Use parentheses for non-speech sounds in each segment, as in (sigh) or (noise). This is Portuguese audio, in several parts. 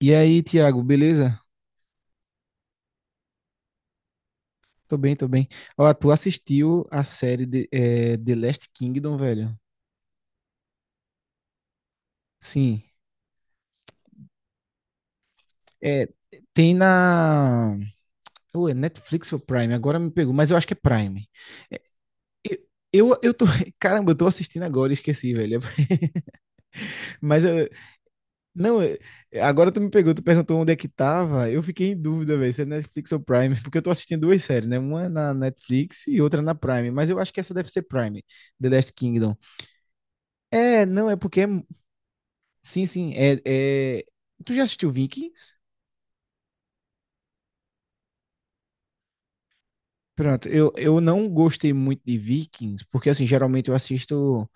E aí, Thiago, beleza? Tô bem, tô bem. Ó, tu assistiu a série de, The Last Kingdom, velho? Sim. É, tem na. Ou é Netflix ou Prime? Agora me pegou, mas eu acho que é Prime. É, eu, eu tô. (laughs) Caramba, eu tô assistindo agora, e esqueci, velho. (laughs) Mas eu- não, é, agora tu me pegou, tu perguntou onde é que tava. Eu fiquei em dúvida, velho, se é Netflix ou Prime, porque eu tô assistindo duas séries, né? Uma na Netflix e outra na Prime, mas eu acho que essa deve ser Prime, The Last Kingdom. É, não, é porque é, sim, sim. É, é... Tu já assistiu Vikings? Pronto, eu não gostei muito de Vikings, porque assim, geralmente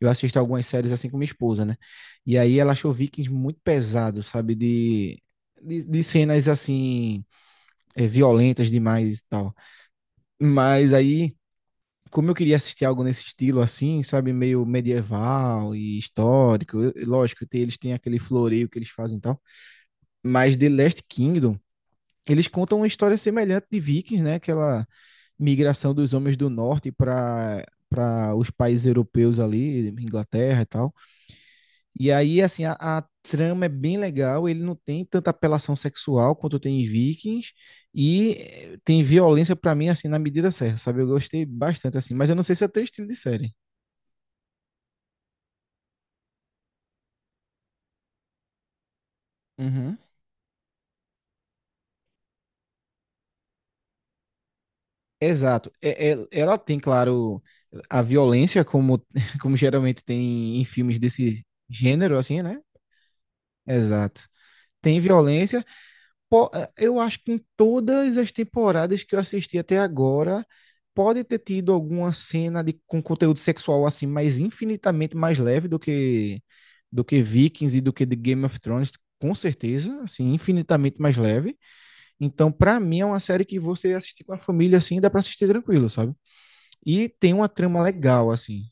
eu assisto algumas séries assim com minha esposa, né? E aí ela achou Vikings muito pesado, sabe? De, de cenas assim, é, violentas demais e tal. Mas aí, como eu queria assistir algo nesse estilo assim, sabe? Meio medieval e histórico, eu- lógico, tem- eles têm aquele floreio que eles fazem e tal. Mas The Last Kingdom. Eles contam uma história semelhante de Vikings, né? Aquela migração dos homens do norte para os países europeus ali, Inglaterra e tal. E aí, assim, a, trama é bem legal. Ele não tem tanta apelação sexual quanto tem em Vikings e tem violência para mim assim na medida certa, sabe? Eu gostei bastante assim, mas eu não sei se é teu estilo de série. Uhum. Exato. É- é- ela tem, claro, a violência como (laughs) como geralmente tem em filmes desse gênero, assim, né? Exato. Tem violência. Po- Eu acho que em todas as temporadas que eu assisti até agora, pode ter tido alguma cena de, com conteúdo sexual assim, mas infinitamente mais leve do que Vikings e do que The Game of Thrones, com certeza, assim, infinitamente mais leve. Então, pra mim é uma série que você assistir com a família assim, dá pra assistir tranquilo, sabe? E tem uma trama legal assim.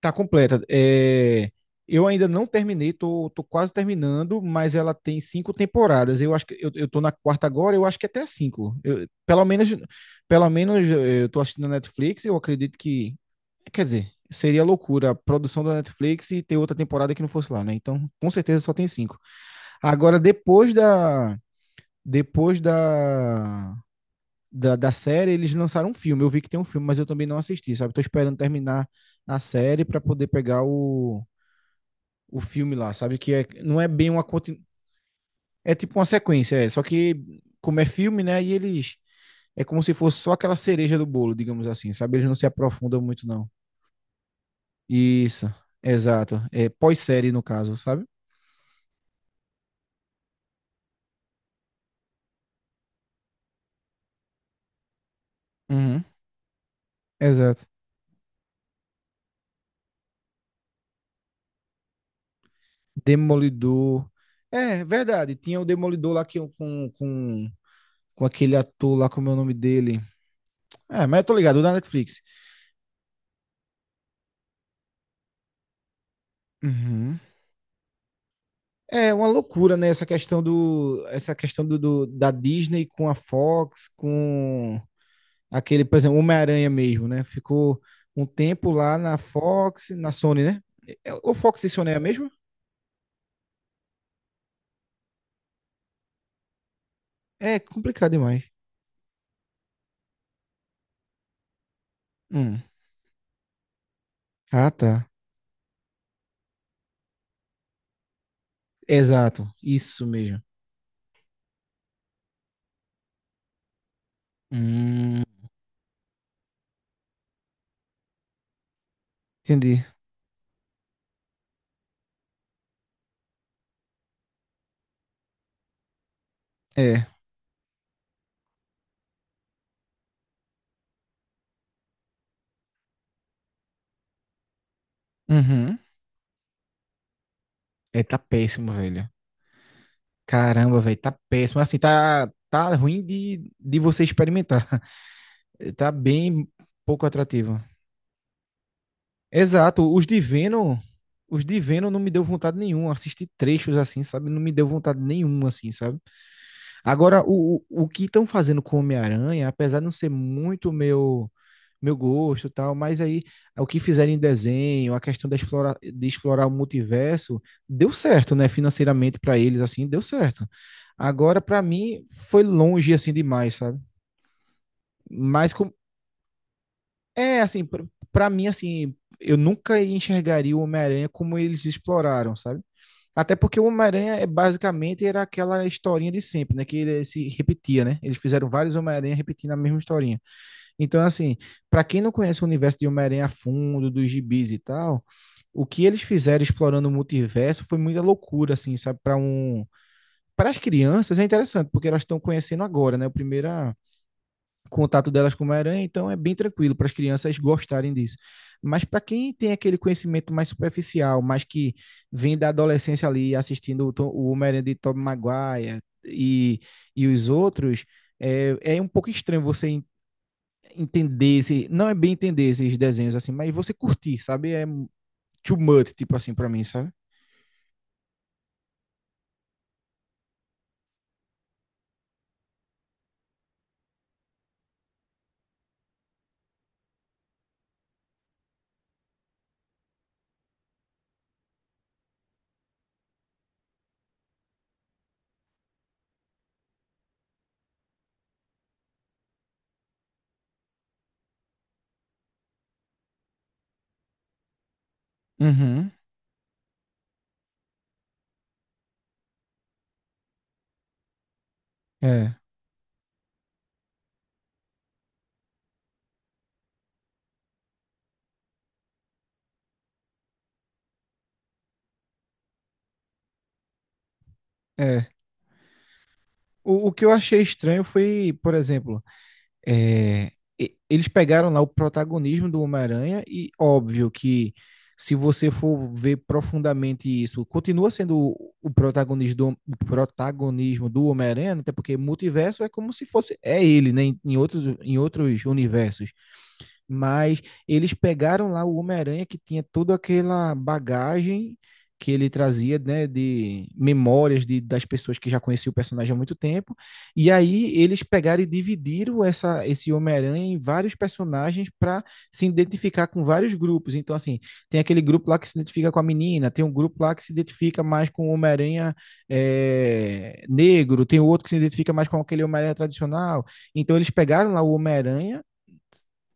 Tá completa. É, eu ainda não terminei, tô, tô quase terminando, mas ela tem cinco temporadas. Eu acho que eu tô na quarta agora, eu acho que até a cinco. Eu- pelo menos eu tô assistindo na Netflix, eu acredito que, quer dizer, seria loucura a produção da Netflix e ter outra temporada que não fosse lá, né? Então, com certeza só tem cinco. Agora, depois da da série, eles lançaram um filme. Eu vi que tem um filme, mas eu também não assisti, sabe? Tô esperando terminar a série para poder pegar o filme lá, sabe? Que é, não é bem uma continu... É tipo uma sequência, é. Só que, como é filme, né? E eles. É como se fosse só aquela cereja do bolo, digamos assim, sabe? Eles não se aprofundam muito, não. Isso, exato. É pós-série, no caso, sabe? Uhum, exato. Demolidor. É, verdade. Tinha o Demolidor lá que, com aquele ator lá, como é o nome dele? É, mas eu tô ligado, o da Netflix. Uhum. É uma loucura, né? Essa questão do, do- da Disney com a Fox, com aquele, por exemplo, Homem-Aranha mesmo, né? Ficou um tempo lá na Fox, na Sony, né? É, ou Fox e Sony é a mesma? É complicado demais. Hum. Ah, tá. Exato, isso mesmo. Hum, entendi. É. Uhum. É, tá péssimo, velho. Caramba, velho, tá péssimo. Assim, tá, tá ruim de você experimentar. Tá bem pouco atrativo. Exato, os de Venom não me deu vontade nenhuma. Assistir trechos assim, sabe? Não me deu vontade nenhuma, assim, sabe? Agora, o que estão fazendo com o Homem-Aranha, apesar de não ser muito meu meu gosto e tal, mas aí o que fizeram em desenho, a questão da explora, de explorar o multiverso, deu certo, né? Financeiramente para eles, assim, deu certo. Agora, para mim, foi longe assim demais, sabe? Mas com- é, assim, pra, pra mim, assim, eu nunca enxergaria o Homem-Aranha como eles exploraram, sabe? Até porque o Homem-Aranha é basicamente era aquela historinha de sempre, né? Que ele se repetia, né? Eles fizeram vários Homem-Aranha repetindo a mesma historinha. Então, assim, para quem não conhece o universo de Homem-Aranha a fundo, dos gibis e tal, o que eles fizeram explorando o multiverso foi muita loucura, assim, sabe? Para um, para as crianças é interessante, porque elas estão conhecendo agora, né? A primeira contato delas com uma aranha, então é bem tranquilo para as crianças gostarem disso. Mas para quem tem aquele conhecimento mais superficial, mas que vem da adolescência ali assistindo o, Tom, o Homem-Aranha de Tobey Maguire e os outros, é, é um pouco estranho você entender, esse, não é bem entender esses desenhos assim, mas você curtir, sabe? É too much, tipo assim, para mim, sabe? Uhum. É, é. O que eu achei estranho foi, por exemplo, é, e- eles pegaram lá o protagonismo do Homem-Aranha e óbvio que se você for ver profundamente isso, continua sendo o protagonismo do Homem-Aranha, né? Até porque multiverso é como se fosse é ele, né, em, em outros universos mas eles pegaram lá o Homem-Aranha que tinha toda aquela bagagem que ele trazia, né, de memórias de, das pessoas que já conheciam o personagem há muito tempo, e aí eles pegaram e dividiram essa, esse Homem-Aranha em vários personagens para se identificar com vários grupos. Então, assim, tem aquele grupo lá que se identifica com a menina, tem um grupo lá que se identifica mais com o Homem-Aranha é, negro, tem outro que se identifica mais com aquele Homem-Aranha tradicional. Então, eles pegaram lá o Homem-Aranha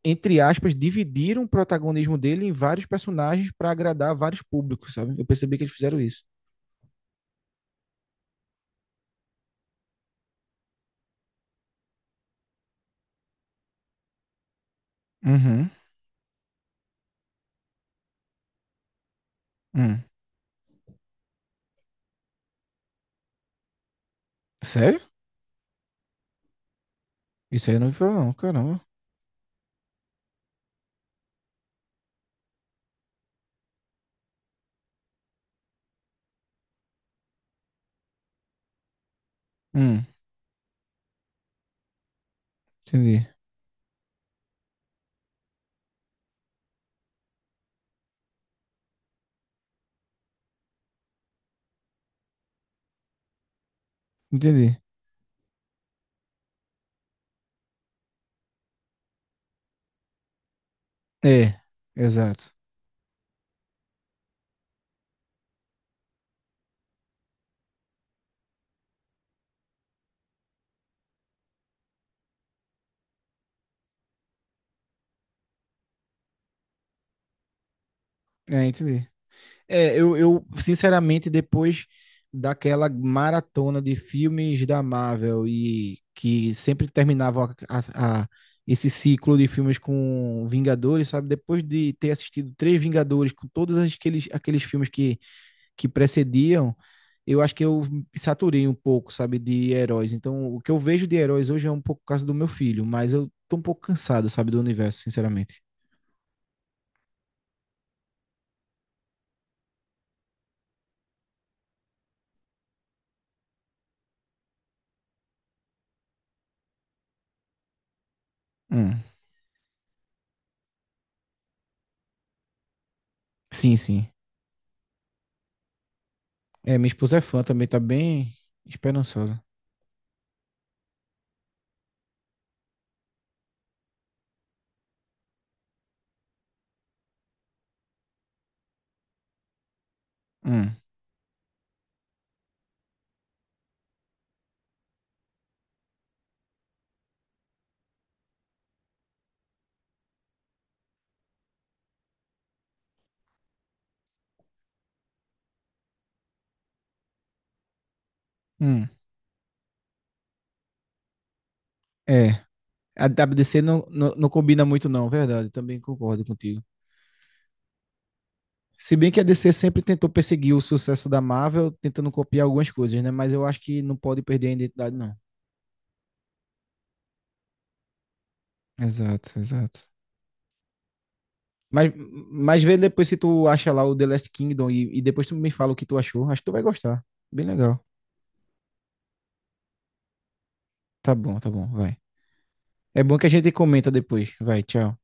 entre aspas, dividiram o protagonismo dele em vários personagens para agradar vários públicos, sabe? Eu percebi que eles fizeram isso. Uhum. Hum. Sério? Isso aí eu não me falou, não, caramba. Hum, entendi. Entendi. É, exato. É, entendi. É, eu sinceramente, depois daquela maratona de filmes da Marvel e que sempre terminavam a- esse ciclo de filmes com Vingadores, sabe? Depois de ter assistido três Vingadores com todos aqueles, aqueles filmes que precediam, eu acho que eu saturei um pouco, sabe, de heróis. Então, o que eu vejo de heróis hoje é um pouco por causa do meu filho, mas eu tô um pouco cansado, sabe, do universo, sinceramente. Hum. Sim, sim. É, minha esposa é fã também, tá bem esperançosa. Hum. Hum. É. A DC não, não, não combina muito, não, verdade. Também concordo contigo. Se bem que a DC sempre tentou perseguir o sucesso da Marvel, tentando copiar algumas coisas, né? Mas eu acho que não pode perder a identidade, não. Exato, exato. Mas, mas vê depois se tu acha lá o The Last Kingdom e depois tu me fala o que tu achou. Acho que tu vai gostar. Bem legal. Tá bom, vai. É bom que a gente comenta depois. Vai, tchau.